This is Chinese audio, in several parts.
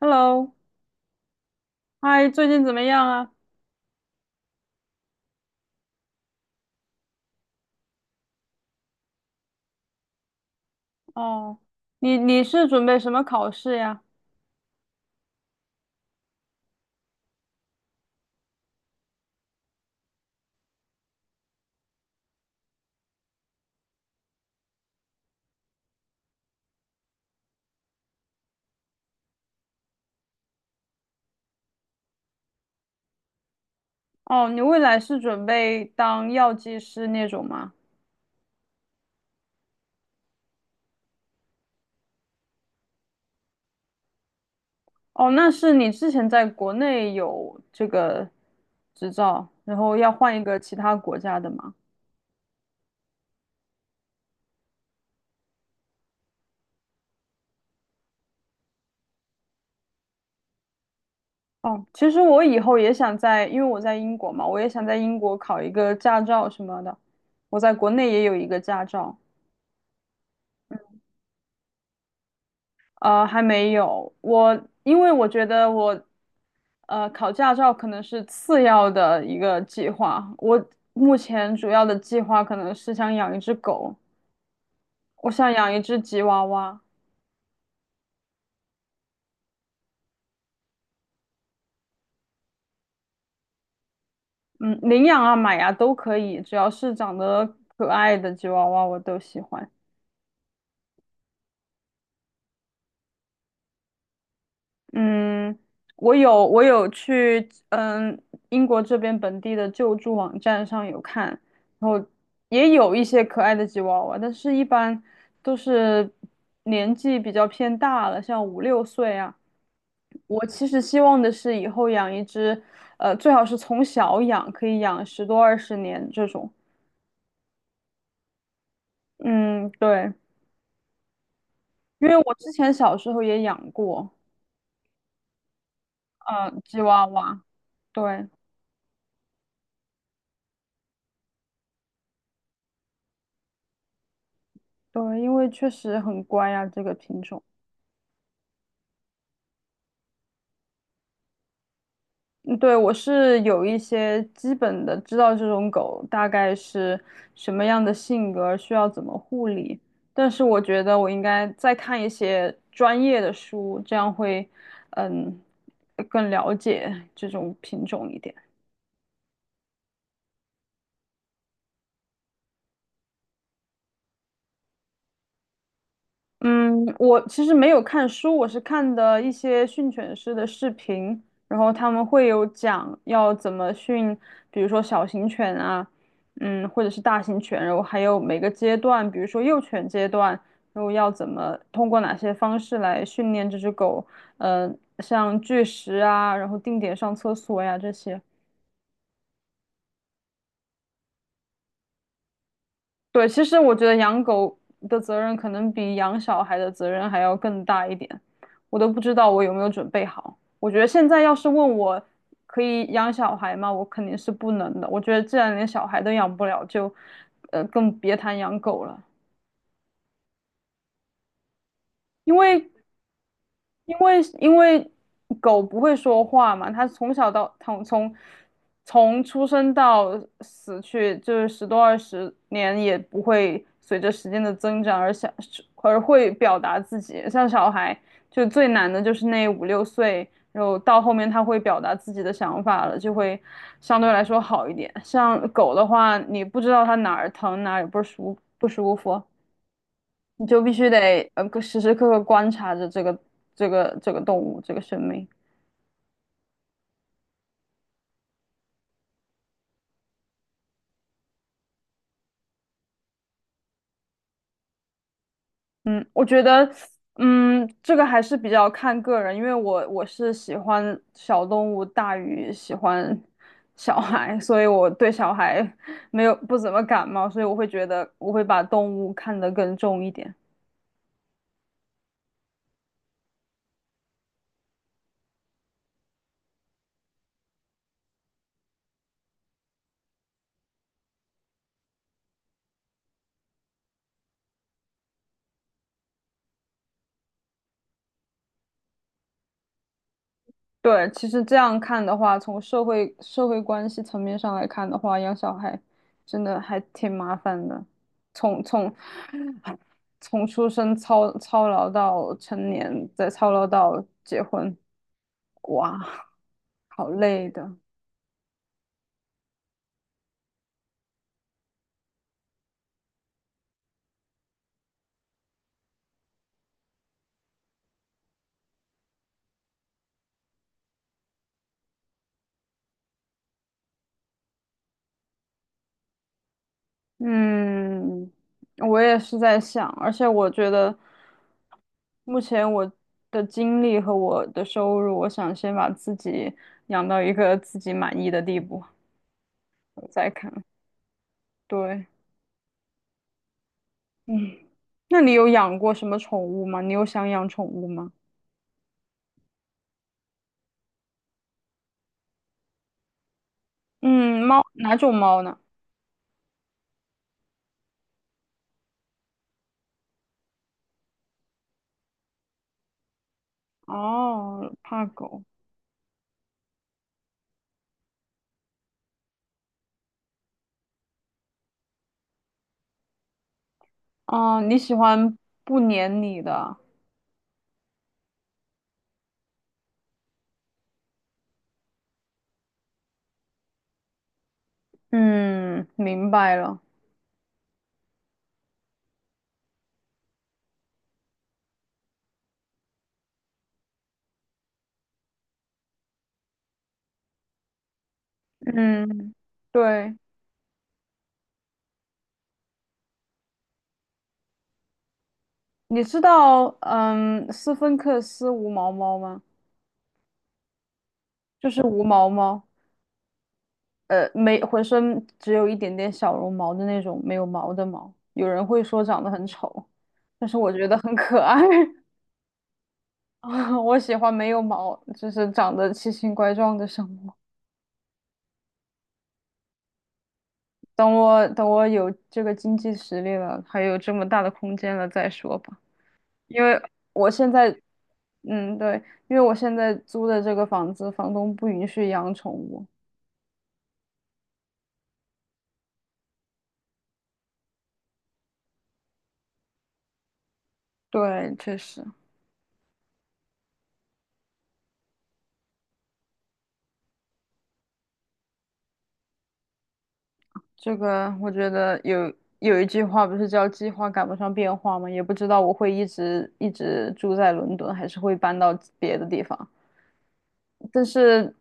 Hello，嗨，最近怎么样啊？哦，你是准备什么考试呀？哦，你未来是准备当药剂师那种吗？哦，那是你之前在国内有这个执照，然后要换一个其他国家的吗？哦，其实我以后也想在，因为我在英国嘛，我也想在英国考一个驾照什么的。我在国内也有一个驾照。还没有。我因为我觉得我，考驾照可能是次要的一个计划。我目前主要的计划可能是想养一只狗，我想养一只吉娃娃。嗯，领养啊、买啊都可以，只要是长得可爱的吉娃娃我都喜欢。嗯，我有去，英国这边本地的救助网站上有看，然后也有一些可爱的吉娃娃，但是一般都是年纪比较偏大了，像五六岁啊。我其实希望的是以后养一只，最好是从小养，可以养十多二十年这种。嗯，对，因为我之前小时候也养过，嗯，吉娃娃，对对，因为确实很乖啊，这个品种。嗯对，我是有一些基本的知道这种狗大概是什么样的性格，需要怎么护理。但是我觉得我应该再看一些专业的书，这样会，嗯，更了解这种品种一点。嗯，我其实没有看书，我是看的一些训犬师的视频，然后他们会有讲要怎么训，比如说小型犬啊，或者是大型犬，然后还有每个阶段，比如说幼犬阶段，然后要怎么通过哪些方式来训练这只狗，像拒食啊，然后定点上厕所呀这些。对，其实我觉得养狗的责任可能比养小孩的责任还要更大一点，我都不知道我有没有准备好。我觉得现在要是问我可以养小孩吗，我肯定是不能的。我觉得既然连小孩都养不了，就更别谈养狗了。因为因为狗不会说话嘛，它从小到从出生到死去，就是十多二十年，也不会随着时间的增长而会表达自己。像小孩，就最难的就是那五六岁，然后到后面他会表达自己的想法了，就会相对来说好一点。像狗的话，你不知道它哪儿疼，哪儿也不舒服。你就必须得时时刻刻观察着这个动物这个生命。嗯，我觉得，这个还是比较看个人，因为我是喜欢小动物大于喜欢小孩，所以我对小孩 没有不怎么感冒，所以我会觉得我会把动物看得更重一点。对，其实这样看的话，从社会关系层面上来看的话，养小孩真的还挺麻烦的。从出生操劳到成年，再操劳到结婚，哇，好累的。嗯，我也是在想，而且我觉得目前我的精力和我的收入，我想先把自己养到一个自己满意的地步，我再看。对，嗯，那你有养过什么宠物吗？你有想养宠物吗？嗯，猫，哪种猫呢？哦，怕狗。哦，你喜欢不粘你的？嗯，明白了。嗯，对，你知道，斯芬克斯无毛猫吗？就是无毛猫，没浑身只有一点点小绒毛的那种，没有毛的毛。有人会说长得很丑，但是我觉得很可爱。啊，我喜欢没有毛，就是长得奇形怪状的生物。等我有这个经济实力了，还有这么大的空间了再说吧。因为我现在，嗯，对，因为我现在租的这个房子，房东不允许养宠物。对，确实，这个我觉得有一句话不是叫“计划赶不上变化”吗？也不知道我会一直一直住在伦敦，还是会搬到别的地方。但是，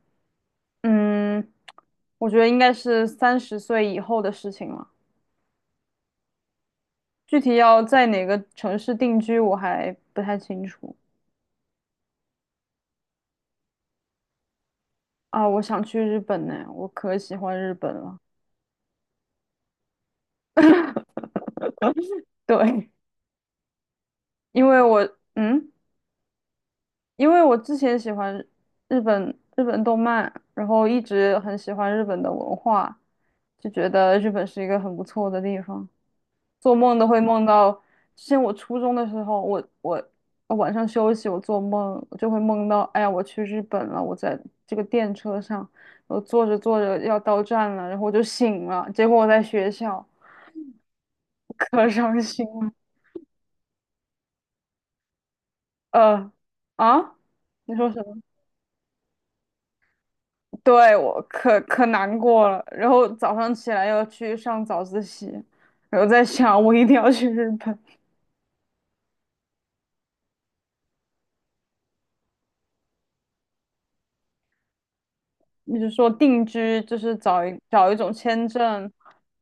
嗯，我觉得应该是三十岁以后的事情了。具体要在哪个城市定居，我还不太清楚啊。我想去日本呢，我可喜欢日本了。对，因为我嗯，因为我之前喜欢日本日本动漫，然后一直很喜欢日本的文化，就觉得日本是一个很不错的地方。做梦都会梦到，之前我初中的时候，我晚上休息，我做梦我就会梦到，哎呀，我去日本了，我在这个电车上，我坐着坐着要到站了，然后我就醒了，结果我在学校，可伤心了。呃，啊，你说什么？对，我可难过了。然后早上起来要去上早自习，然后在想我一定要去日本。你是说定居，就是找一种签证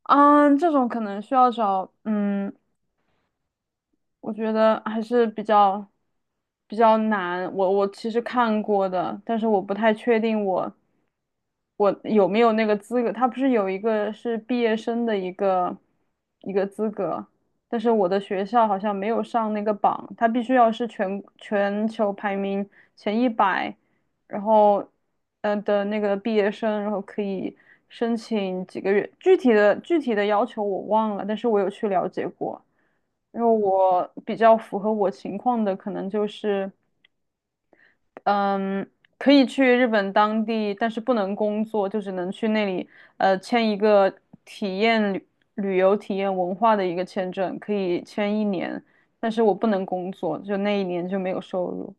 啊？这种可能需要找，我觉得还是比较难。我其实看过的，但是我不太确定我有没有那个资格。他不是有一个是毕业生的一个资格，但是我的学校好像没有上那个榜，他必须要是全球排名前100。然后的那个毕业生，然后可以申请几个月，具体的要求我忘了，但是我有去了解过。然后我比较符合我情况的，可能就是嗯，可以去日本当地，但是不能工作，就只能去那里签一个体验旅游、体验文化的一个签证，可以签一年，但是我不能工作，就那1年就没有收入。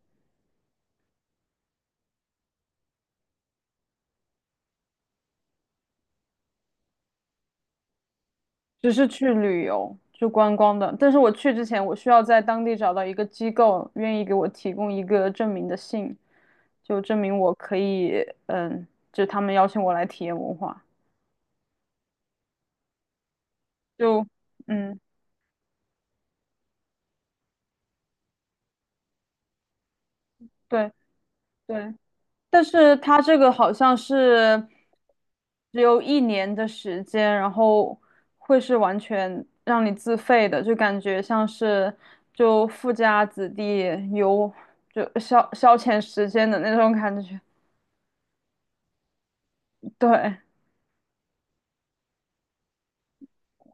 只是去旅游，去观光的。但是我去之前，我需要在当地找到一个机构，愿意给我提供一个证明的信，就证明我可以，就他们邀请我来体验文化。就，嗯，对对。但是他这个好像是只有一年的时间，然后会是完全让你自费的，就感觉像是就富家子弟游就消遣时间的那种感觉。对，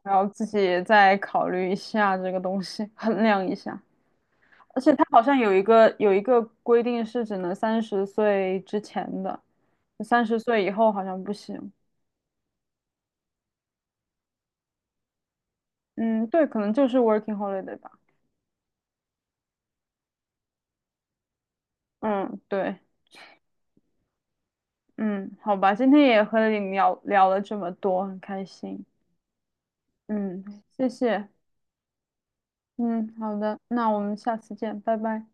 然后自己再考虑一下这个东西，衡量一下。而且它好像有一个规定是只能三十岁之前的，三十岁以后好像不行。嗯，对，可能就是 working holiday 吧。嗯，对，嗯，好吧，今天也和你聊聊了这么多，很开心。嗯，谢谢。嗯，好的，那我们下次见，拜拜。